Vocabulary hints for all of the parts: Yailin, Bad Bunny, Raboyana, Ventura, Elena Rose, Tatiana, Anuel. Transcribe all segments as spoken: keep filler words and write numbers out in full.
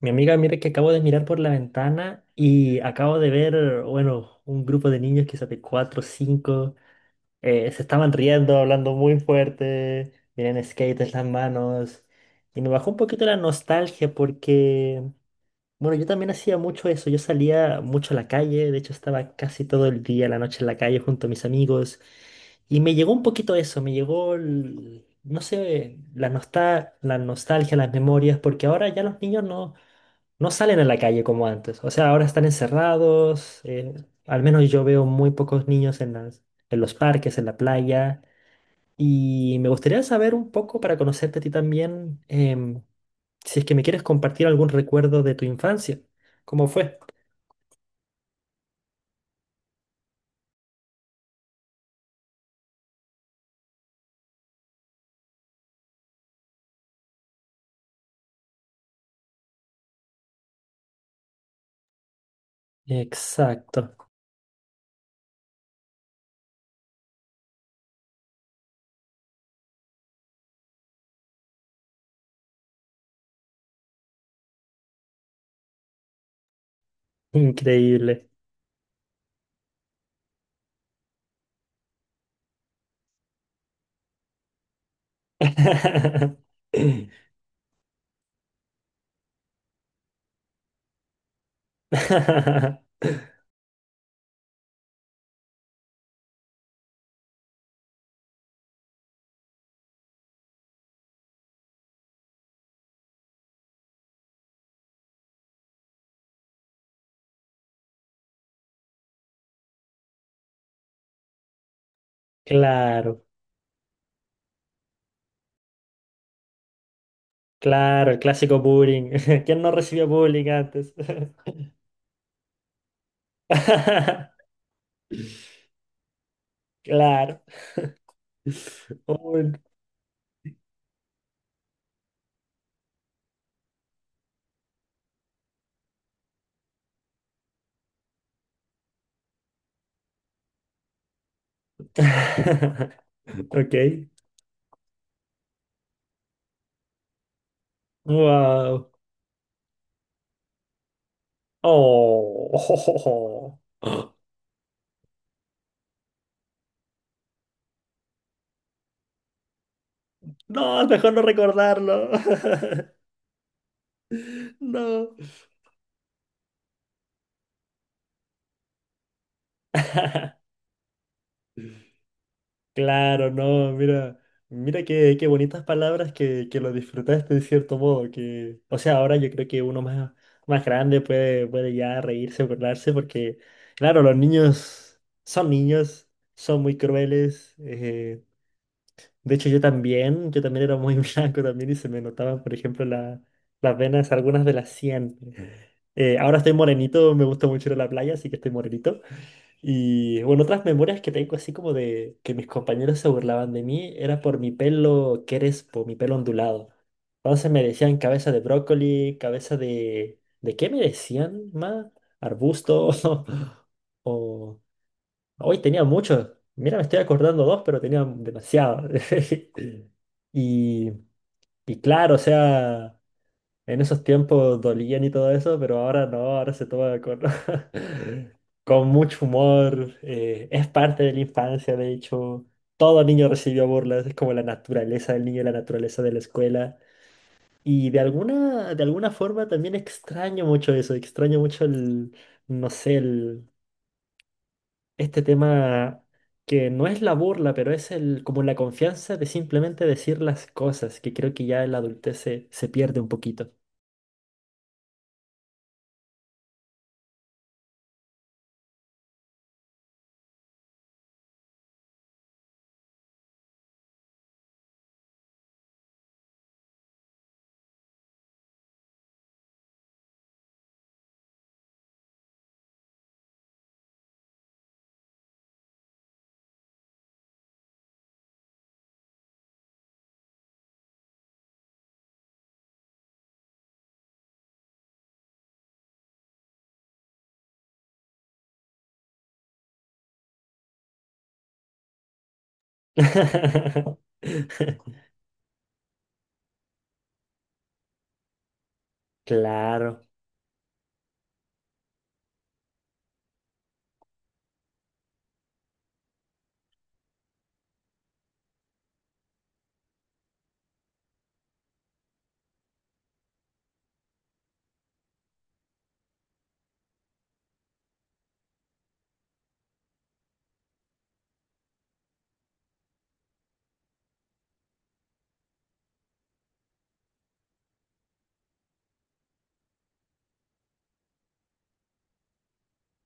Mi amiga, mire que acabo de mirar por la ventana y acabo de ver, bueno, un grupo de niños, quizás de cuatro o cinco, se estaban riendo, hablando muy fuerte, miren skate en las manos. Y me bajó un poquito la nostalgia porque, bueno, yo también hacía mucho eso, yo salía mucho a la calle, de hecho estaba casi todo el día, la noche en la calle junto a mis amigos. Y me llegó un poquito eso, me llegó, el- no sé, la, nostal- la nostalgia, las memorias, porque ahora ya los niños no no salen a la calle como antes. O sea, ahora están encerrados. Eh, al menos yo veo muy pocos niños en las, en los parques, en la playa. Y me gustaría saber un poco para conocerte a ti también, em, si es que me quieres compartir algún recuerdo de tu infancia. ¿Cómo fue? Exacto. Increíble. Claro, claro, el clásico bullying. ¿Quién no recibía bullying antes? Claro. Oh, Ok. Wow. Oh. No, es mejor no recordarlo. No. Claro, no, mira. Mira qué, qué bonitas palabras que, que lo disfrutaste de cierto modo. Que, o sea, ahora yo creo que uno más, más grande puede, puede ya reírse, burlarse, porque, claro, los niños son niños, son muy crueles. eh, De hecho, yo también, yo también era muy blanco también y se me notaban, por ejemplo, la- las venas, algunas de las cien. Eh, ahora estoy morenito, me gusta mucho ir a la playa, así que estoy morenito. Y bueno, otras memorias que tengo así como de que mis compañeros se burlaban de mí era por mi pelo crespo, mi pelo ondulado. Entonces me decían cabeza de brócoli, cabeza de… ¿De qué me decían más? ¿Arbusto? o, hoy tenía muchos. Mira, me estoy acordando dos, pero tenía demasiado. Y, y claro, o sea, en esos tiempos dolían y todo eso, pero ahora no, ahora se toma con, con mucho humor. Eh, es parte de la infancia, de hecho. Todo niño recibió burlas, es como la naturaleza del niño y la naturaleza de la escuela. Y de alguna, de alguna forma también extraño mucho eso, extraño mucho el, no sé, el este tema que no es la burla, pero es el, como la confianza de simplemente decir las cosas, que creo que ya en la adultez se, se pierde un poquito. Claro,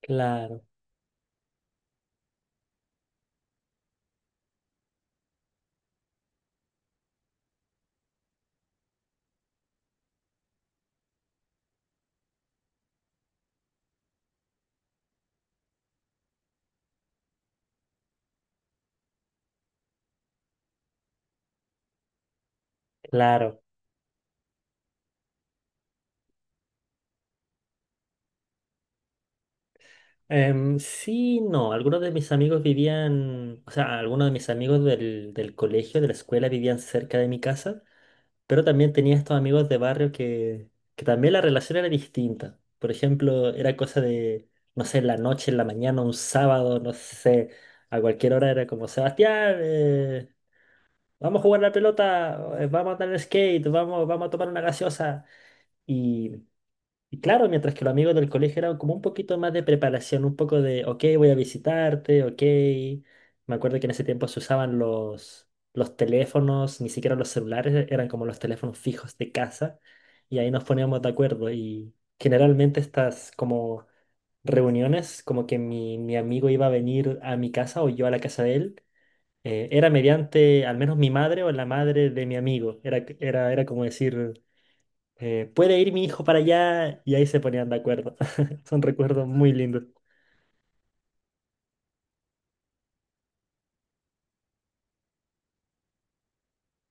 claro, claro. Em, sí, no, algunos de mis amigos vivían, o sea, algunos de mis amigos del, del colegio, de la escuela, vivían cerca de mi casa. Pero también tenía estos amigos de barrio que, que también la relación era distinta. Por ejemplo, era cosa de, no sé, en la noche, en la mañana, un sábado, no sé, a cualquier hora era como, Sebastián, eh, vamos a jugar la pelota, eh, vamos a andar en skate, vamos, vamos a tomar una gaseosa. y y claro, mientras que los amigos del colegio eran como un poquito más de preparación, un poco de, ok, voy a visitarte, ok. Me acuerdo que en ese tiempo se usaban los, los teléfonos, ni siquiera los celulares, eran como los teléfonos fijos de casa. Y ahí nos poníamos de acuerdo. Y generalmente estas como reuniones, como que mi, mi amigo iba a venir a mi casa o yo a la casa de él, eh, era mediante al menos mi madre o la madre de mi amigo. Era, era, era como decir eh, ¿puede ir mi hijo para allá? Y ahí se ponían de acuerdo. Son recuerdos muy lindos.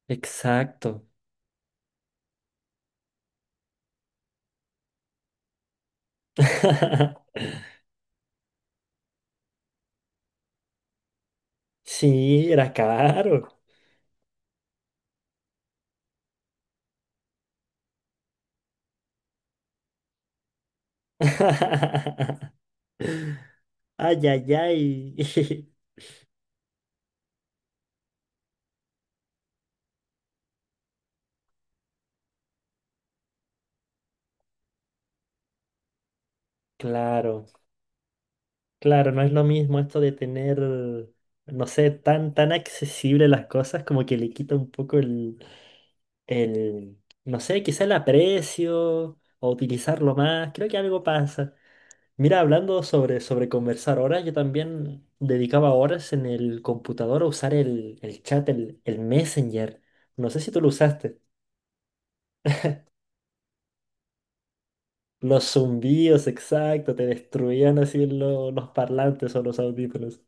Exacto. Sí, era caro. Ay, ay, ay. Claro, claro, no es lo mismo esto de tener, no sé, tan, tan accesible las cosas, como que le quita un poco el, el, no sé, quizá el aprecio o utilizarlo más. Creo que algo pasa. Mira, hablando sobre, sobre conversar horas, yo también dedicaba horas en el computador a usar el, el chat, el, el Messenger. No sé si tú lo usaste. Los zumbidos, exacto, te destruían así lo- los parlantes o los audífonos.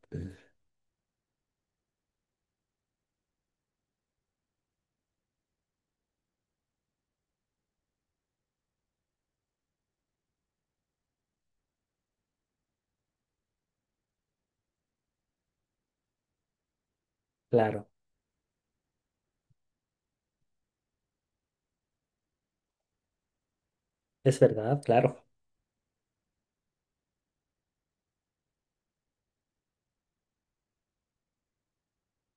Claro, es verdad, claro.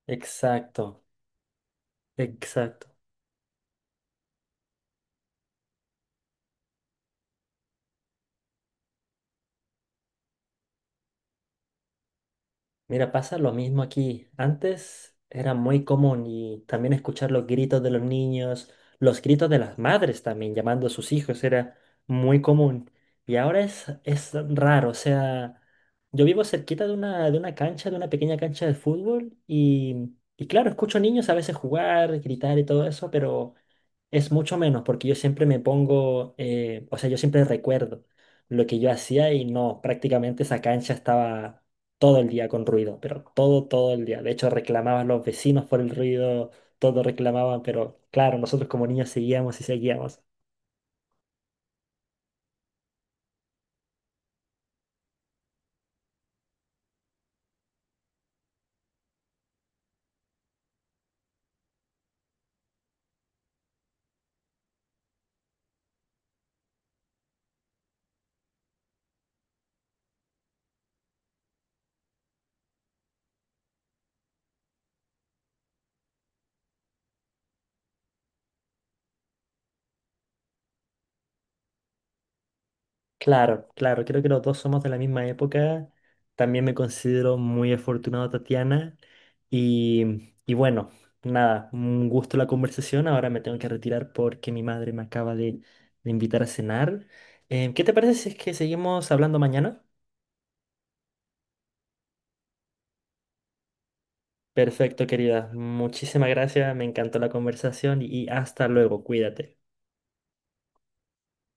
Exacto, exacto. Mira, pasa lo mismo aquí. Antes era muy común y también escuchar los gritos de los niños, los gritos de las madres también llamando a sus hijos era muy común. Y ahora es, es raro, o sea, yo vivo cerquita de una, de una cancha, de una pequeña cancha de fútbol y, y claro, escucho niños a veces jugar, gritar y todo eso, pero es mucho menos porque yo siempre me pongo, eh, o sea, yo siempre recuerdo lo que yo hacía y no, prácticamente esa cancha estaba todo el día con ruido, pero todo, todo el día. De hecho, reclamaban los vecinos por el ruido, todos reclamaban, pero claro, nosotros como niños seguíamos y seguíamos. Claro, claro, creo que los dos somos de la misma época. También me considero muy afortunado, Tatiana. Y, y bueno, nada, un gusto la conversación. Ahora me tengo que retirar porque mi madre me acaba de, de invitar a cenar. Eh, ¿qué te parece si es que seguimos hablando mañana? Perfecto, querida. Muchísimas gracias. Me encantó la conversación y hasta luego. Cuídate.